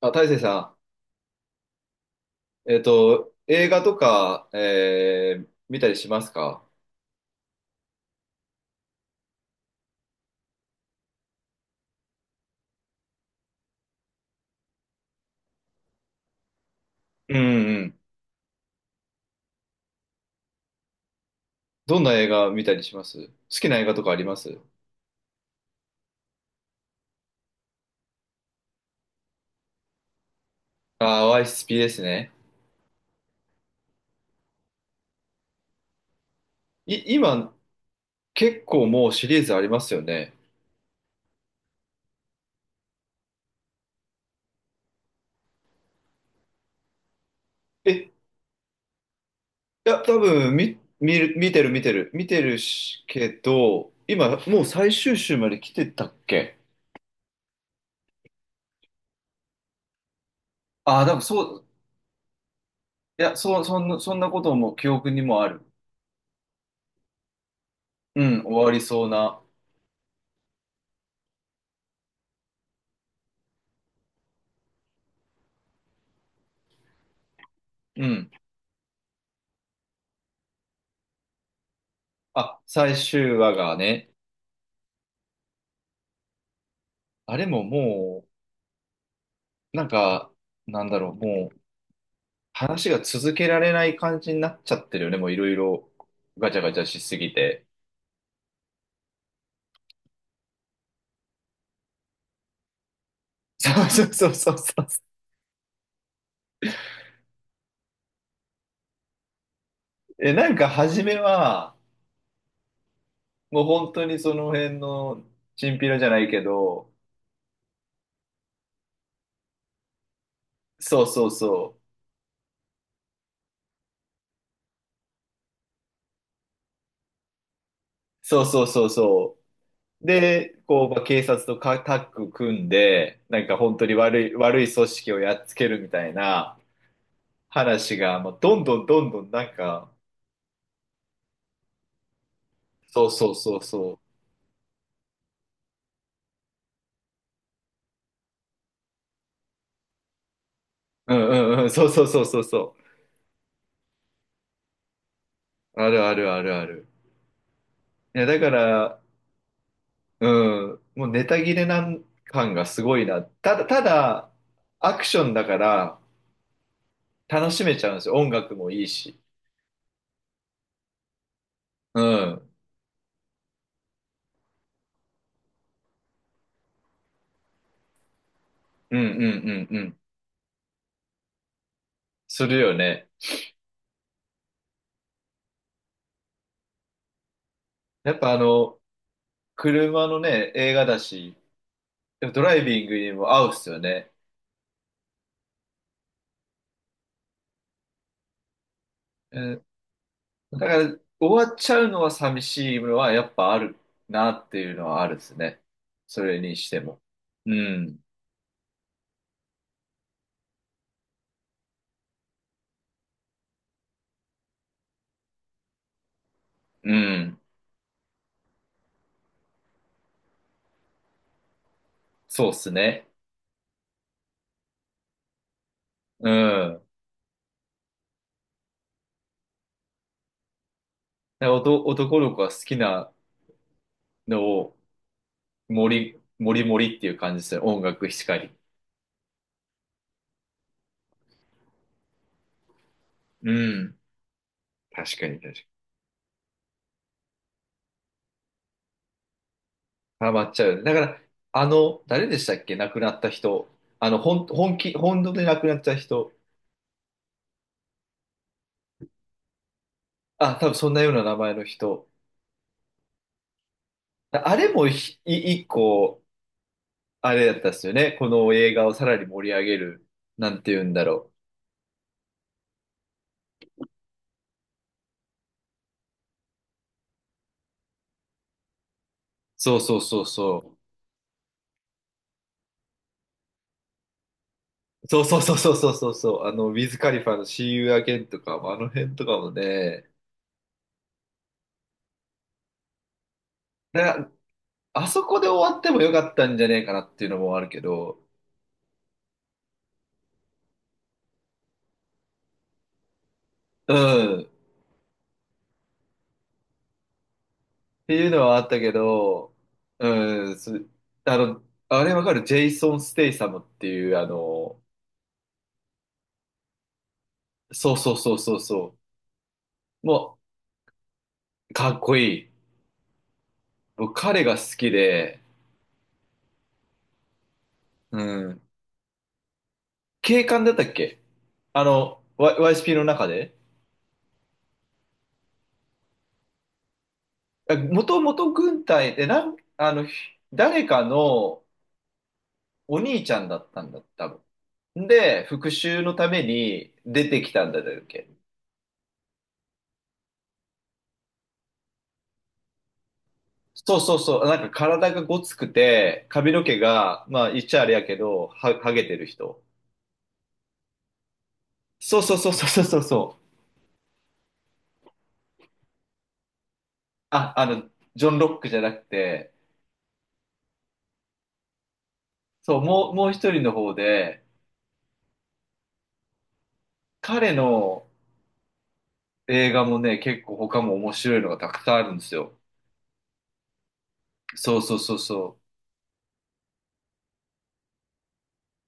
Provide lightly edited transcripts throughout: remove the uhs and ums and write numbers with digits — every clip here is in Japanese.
あ、大成さん、映画とか、見たりしますか？うんうん。どんな映画見たりします？好きな映画とかあります？YSP ですね。今、結構もうシリーズありますよね。え、いや、多分、見る、見てる見てる、見てるし、けど、今、もう最終週まで来てたっけ？多分そう、いや、そう、そんなことも記憶にもある。うん、終わりそうな。うん。あ、最終話がね。あれももう、なんか、なんだろう、もう、話が続けられない感じになっちゃってるよね、もういろいろ、ガチャガチャしすぎて。そうそうそうそうそう。え、なんか初めは、もう本当にその辺の、チンピラじゃないけど、そうそうそう。そうそうそうそう。で、こう、まあ、警察とかタッグ組んで、なんか本当に悪い、悪い組織をやっつけるみたいな話が、もうどんどんどんどんなんか、そうそうそうそう。うんうんうん、そうそうそうそうそう。あるあるあるある。いや、だから、うん、もうネタ切れなん感がすごいな。ただ、アクションだから楽しめちゃうんですよ。音楽もいいし。うん、うんうんうんうん。するよね。やっぱあの、車のね、映画だし、ドライビングにも合うっすよね。うんだから、終わっちゃうのは寂しいのはやっぱあるなっていうのはあるですね。それにしても。うん、うん。そうっすね。うん。なんか男の子が好きなのを、もりもりっていう感じですよ。音楽しかり。うん。確かに確かに。ハマっちゃう。だから、あの、誰でしたっけ？亡くなった人。あの、ほん、本気、本当で亡くなった人。あ、多分そんなような名前の人。あれも一個、あれだったっすよね。この映画をさらに盛り上げる。なんて言うんだろう。そうそうそうそう。そうそうそうそうそうそうそう、あの、ウィズ・カリファの See You Again とかも、あの辺とかもね、な、あそこで終わってもよかったんじゃねえかなっていうのもあるけど、うん、っていうのはあったけど、うん、あの、あれわかるジェイソン・ステイサムっていう、あの、そうそうそうそうそう、もう、かっこいい。僕、彼が好きで、うん、警官だったっけ？あの、YSP の中でもともと軍隊で、あの、誰かのお兄ちゃんだったんだ、多分。で、復讐のために出てきたんだっけ。そうそうそう。なんか体がごつくて、髪の毛が、まあ言っちゃあれやけど、はげてる人。そうそうそうそうそうそう。あ、あの、ジョン・ロックじゃなくて、そう、もう、もう一人の方で、彼の映画もね、結構他も面白いのがたくさんあるんですよ。そうそうそうそう。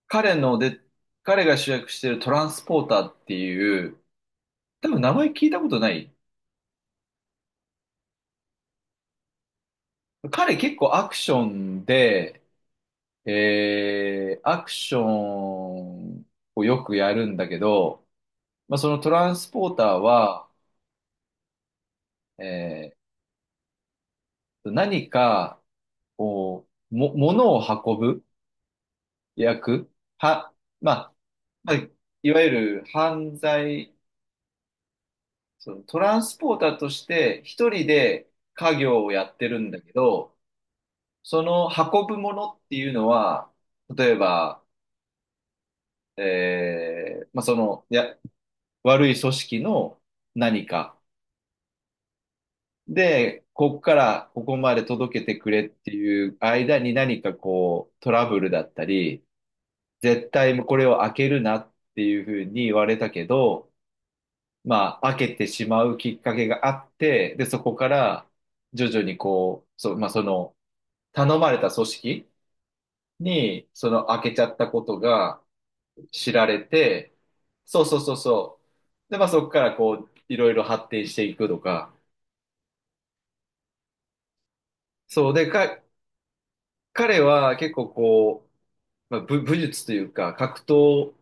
彼ので、彼が主役してるトランスポーターっていう、多分名前聞いたことない？彼結構アクションで、アクションをよくやるんだけど、まあ、そのトランスポーターは、え何かを、物を運ぶ役は、まあ、まあ、いわゆる犯罪、そのトランスポーターとして一人で家業をやってるんだけど、その運ぶものっていうのは、例えば、まあ、その、いや、悪い組織の何かで、ここからここまで届けてくれっていう間に何かこうトラブルだったり、絶対これを開けるなっていうふうに言われたけど、まあ開けてしまうきっかけがあって、で、そこから徐々にこう、そう、まあその頼まれた組織にその開けちゃったことが、知られて、そうそうそうそう。で、まあそこからこう、いろいろ発展していくとか。そう。で、彼は結構こう、まあ、武術というか、格闘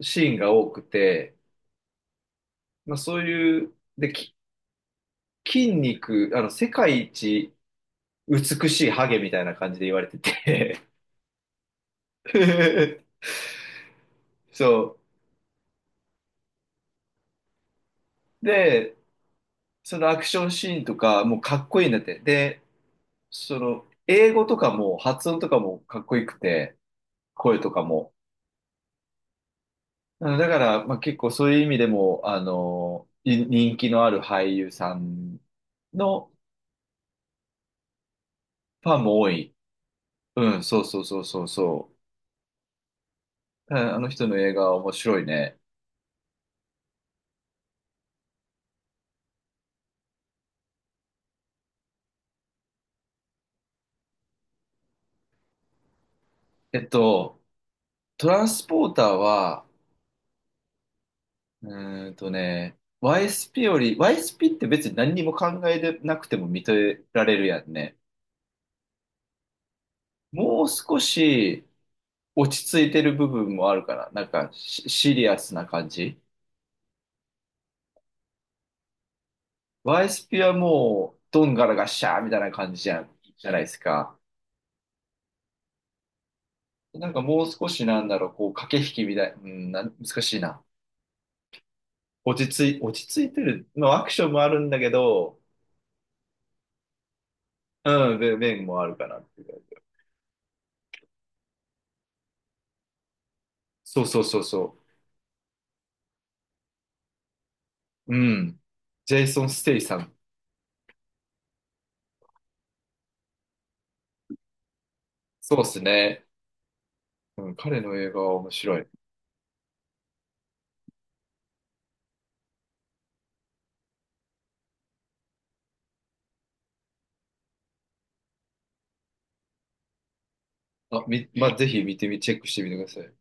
シーンが多くて、まあそういう、で、筋肉、あの、世界一美しいハゲみたいな感じで言われてて そう。で、そのアクションシーンとか、もうかっこいいんだって。で、その、英語とかも、発音とかもかっこよくて、声とかも。うんだから、まあ、結構そういう意味でも、あの、人気のある俳優さんのファンも多い。うん、そうそうそうそうそう。うんあの人の映画は面白いね。えっと、トランスポーターは、うーんとね、YSP より、YSP って別に何にも考えてなくても認められるやんね。もう少し落ち着いてる部分もあるから、なんかシシリアスな感じ。ワイスピはもう、どんがらがっしゃーみたいな感じじゃん、じゃないですか。なんかもう少しなんだろう、こう、駆け引きみたい、うん、難しいな。落ち着いてる。まあ、アクションもあるんだけど、うん、面面もあるかなっていう。そうそうそうそう。うん。ジェイソン・ステイさん。そうですね。うん、彼の映画は面白い。あ、まあ、ぜひ見てみ、チェックしてみてください。